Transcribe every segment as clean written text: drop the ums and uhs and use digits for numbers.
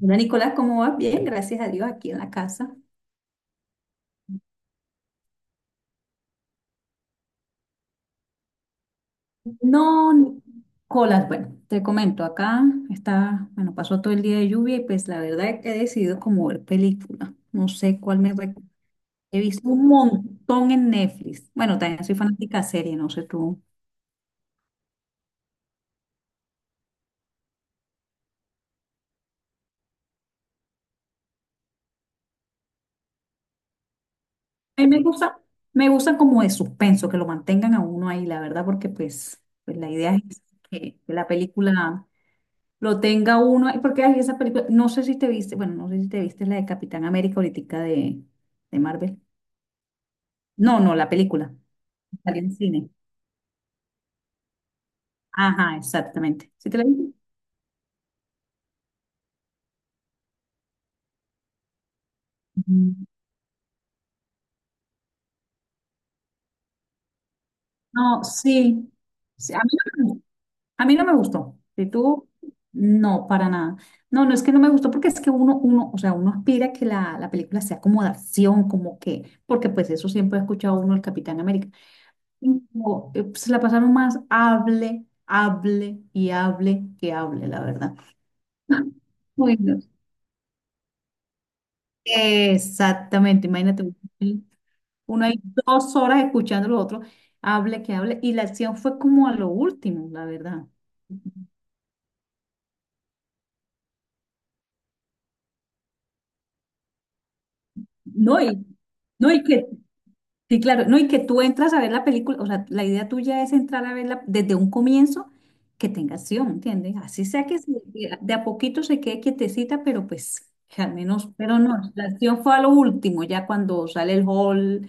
Hola Nicolás, ¿cómo vas? Bien, gracias a Dios, aquí en la casa. No, Nicolás, bueno, te comento, acá está, bueno, pasó todo el día de lluvia y pues la verdad es que he decidido como ver película. No sé cuál. He visto un montón en Netflix. Bueno, también soy fanática de serie, no sé tú. A mí me gusta como de suspenso, que lo mantengan a uno ahí, la verdad, porque pues la idea es que la película lo tenga uno, ay, porque hay esa película, no sé si te viste, bueno, no sé si te viste la de Capitán América ahorita de Marvel. No, no, la película, salió en cine. Ajá, exactamente. ¿Sí te la viste? Mm. No, sí. Sí, a mí no, me gustó. A mí no me gustó. ¿Y tú? No, para nada. No, no es que no me gustó, porque es que uno, o sea, uno aspira a que la película sea como de acción, como que, porque pues eso siempre ha escuchado uno el Capitán América. No, se la pasaron más hable, hable y hable que hable, la verdad. Bueno, exactamente, imagínate, uno hay 2 horas escuchando lo otro, hable que hable, y la acción fue como a lo último, la verdad. No, y, no, y que sí, claro. No, y que tú entras a ver la película, o sea, la idea tuya es entrar a verla desde un comienzo que tenga acción, ¿entiendes? Así sea que de a poquito se quede quietecita, pero pues que al menos, pero no, la acción fue a lo último, ya cuando sale el hall,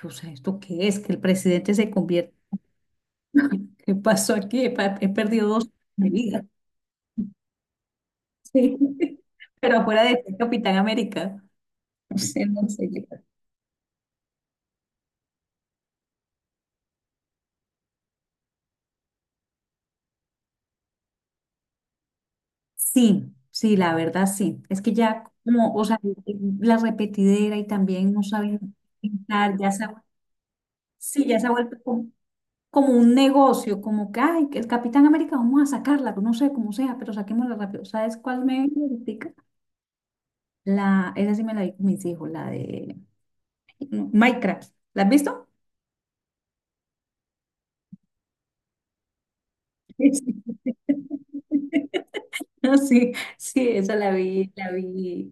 yo sé, ¿esto qué es? Que el presidente se convierte, ¿qué pasó aquí? He perdido dos de vida. Sí, pero afuera de este Capitán América, no sé, no sé. Sí, sí, la verdad sí. Es que ya como, o sea, la repetidera y también no saben pintar, ya se, sí, ya se ha vuelto como, como un negocio, como que, ay, que el Capitán América, vamos a sacarla, no sé cómo sea, pero saquémosla rápido. ¿Sabes cuál me vi ahoritica? Esa sí me la vi con mis hijos, la de no, Minecraft. ¿La has visto? Sí. Sí, sí, sí, esa la vi, la vi.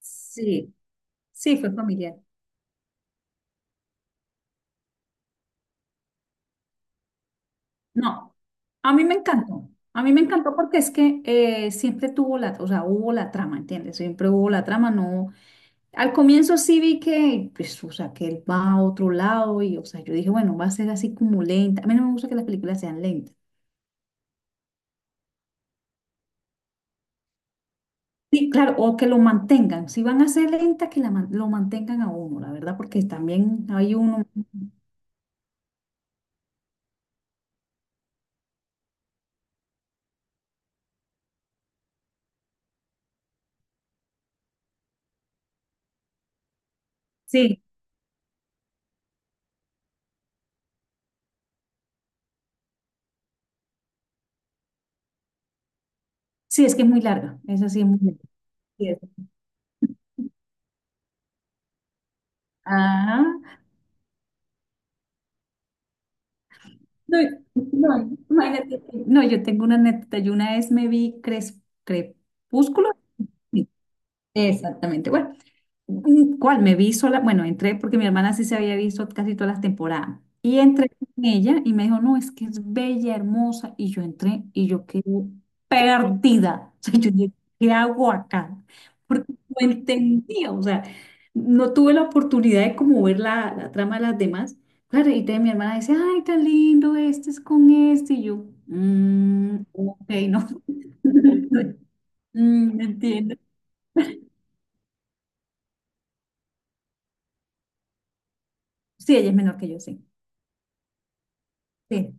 Sí, sí, fue familiar. No, a mí me encantó. A mí me encantó, porque es que siempre tuvo la, o sea, hubo la trama, ¿entiendes? Siempre hubo la trama, no. Al comienzo sí vi que, pues, o sea, que él va a otro lado y, o sea, yo dije, bueno, va a ser así como lenta. A mí no me gusta que las películas sean lentas. Sí, claro, o que lo mantengan. Si van a ser lentas, que lo mantengan a uno, la verdad, porque también hay uno. Sí, sí, es que es muy larga. Esa sí es muy larga. Sí, es. Ajá, no, no, imagínate. No, yo tengo una anécdota. Yo una vez me vi Crepúsculo. Sí, exactamente. Bueno, mm, ¿cuál? Me vi sola, bueno, entré porque mi hermana sí se había visto casi todas las temporadas. Y entré con ella y me dijo, no, es que es bella, hermosa. Y yo entré y yo quedé perdida. O sea, yo dije, ¿qué hago acá? Porque no entendía, o sea, no tuve la oportunidad de como ver la trama de las demás. Claro, y entonces mi hermana dice, ay, tan lindo, este es con este. Y yo, "Mm, ok, no." Mm, entiendo. Sí, ella es menor que yo, sí. Sí.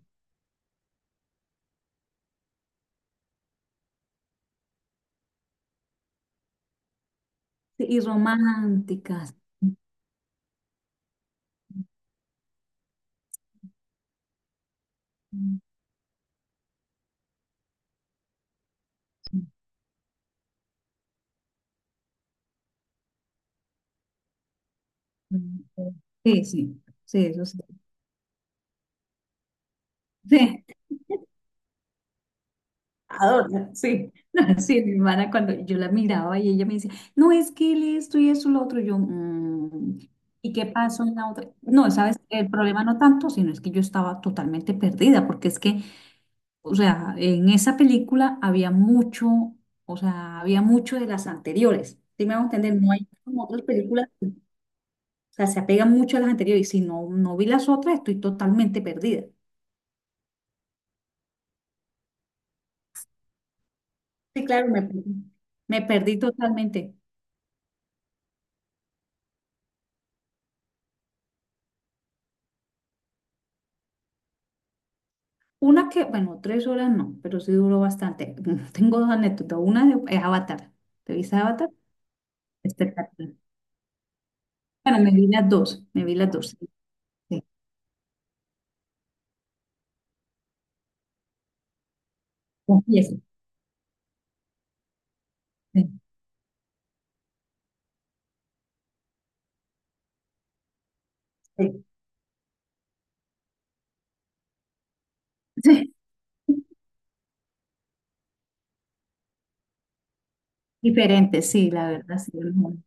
Sí, y románticas. Sí, sí, sí, eso sí. Sí, adorno, sí. Sí, mi hermana, cuando yo la miraba y ella me decía, no, es que él esto y eso y lo otro, yo, "Mm, ¿y qué pasó en la otra?" No, sabes, el problema no tanto, sino es que yo estaba totalmente perdida, porque es que, o sea, en esa película había mucho, o sea, había mucho de las anteriores. ¿Sí me hago entender? No hay como otras películas. O sea, se apegan mucho a las anteriores y si no, no vi las otras, estoy totalmente perdida. Sí, claro, me perdí totalmente. Una que, bueno, 3 horas no, pero sí duró bastante. Tengo dos anécdotas. Una es Avatar. ¿Te viste Avatar? Espectacular. Bueno, me vi las dos, me vi las dos. Sí, sí, confieso. Sí, sí, sí. Diferente, sí, la verdad, sí. El, muñe-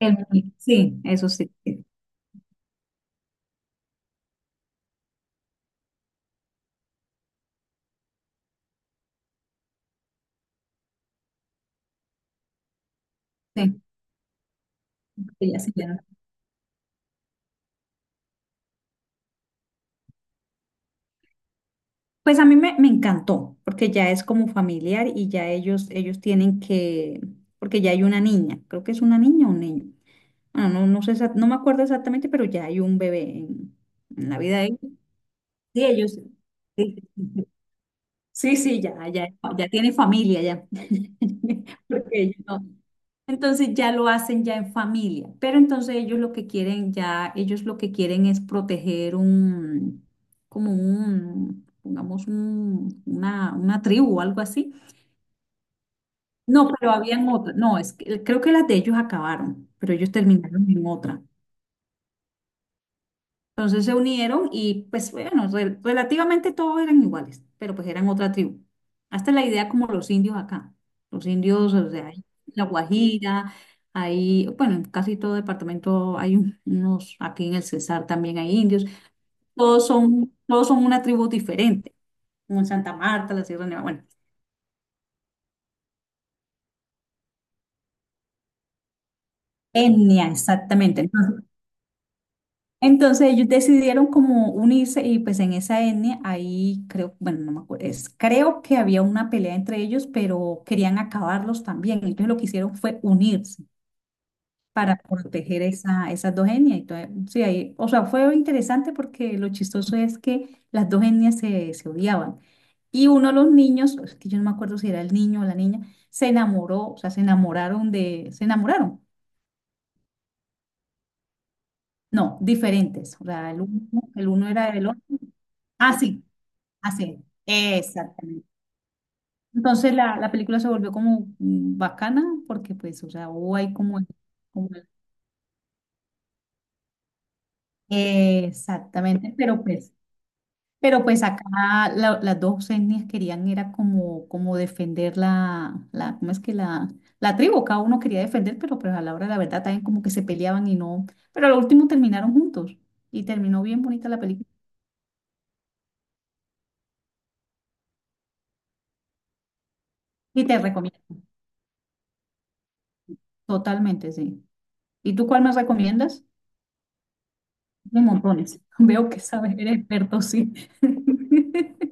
sí, eso sí. Sí, sí, sí, ya, sí, ya. No. Pues a mí me encantó, porque ya es como familiar y ya ellos tienen que, porque ya hay una niña, creo que es una niña o un niño. Bueno, no, no sé, no me acuerdo exactamente, pero ya hay un bebé en, la vida de ellos. Sí, ellos. Sí, sí, sí, sí, sí, sí, ya, ya, ya tiene familia ya. Porque ellos entonces ya lo hacen ya en familia, pero entonces ellos lo que quieren ya, ellos lo que quieren es proteger un, como un, pongamos un, una tribu o algo así. No, pero habían otra, no, es que, creo que las de ellos acabaron, pero ellos terminaron en otra. Entonces se unieron y pues bueno, relativamente todos eran iguales, pero pues eran otra tribu. Hasta la idea como los indios acá. Los indios, o sea, hay en La Guajira, hay, bueno, en casi todo departamento hay unos, aquí en el Cesar también hay indios. Todos son una tribu diferente, como en Santa Marta, la Sierra Nevada, bueno, etnia, exactamente. Entonces ellos decidieron como unirse y pues en esa etnia ahí creo, bueno, no me acuerdo, es, creo que había una pelea entre ellos, pero querían acabarlos también. Entonces lo que hicieron fue unirse para proteger esa, esas dos etnias. Entonces, sí, ahí, o sea, fue interesante porque lo chistoso es que las dos etnias se odiaban. Y uno de los niños, es que yo no me acuerdo si era el niño o la niña, se enamoró, o sea, se enamoraron de, se enamoraron. No, diferentes. O sea, el uno era del otro. Ah, sí. Así, exactamente. Entonces la película se volvió como bacana, porque pues, o sea, hubo ahí como exactamente, pero pues, acá las dos etnias querían era como defender la, ¿cómo es que la tribu? Cada uno quería defender, pero pues a la hora de la verdad también como que se peleaban y no, pero al último terminaron juntos y terminó bien bonita la película. Y te recomiendo, totalmente, sí. ¿Y tú cuál me recomiendas? De montones. Veo que sabes, eres experto, sí.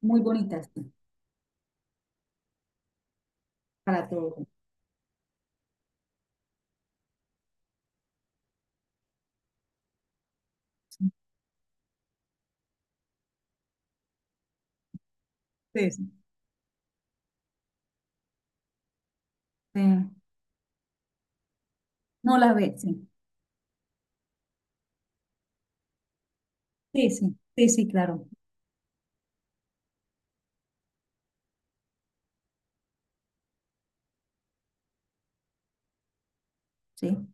Muy bonitas, para todo. Sí, sí. Sí. No la ve, sí. Sí, sí, sí, sí, claro. Sí,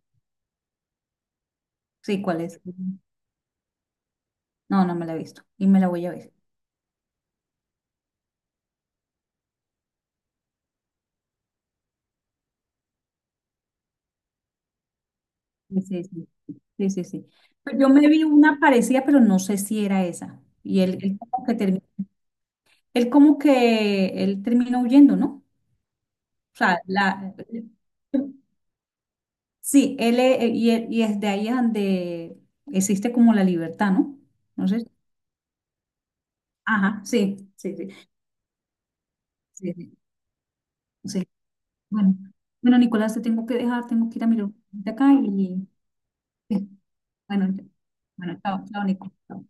sí, ¿cuál es? No, no me la he visto y me la voy a ver. Sí, sí, sí, sí, sí, sí. Pero yo me vi una parecida, pero no sé si era esa. Y él como que él como que él termina huyendo, ¿no? O sea, sí, él y es de ahí es donde existe como la libertad, ¿no? No sé. Ajá, sí, sí, sí, sí, sí, sí. Bueno, bueno, Nicolás, te tengo que dejar, tengo que ir a mirar de acá y y- bueno, bueno, chao, chao, Nico. Chao.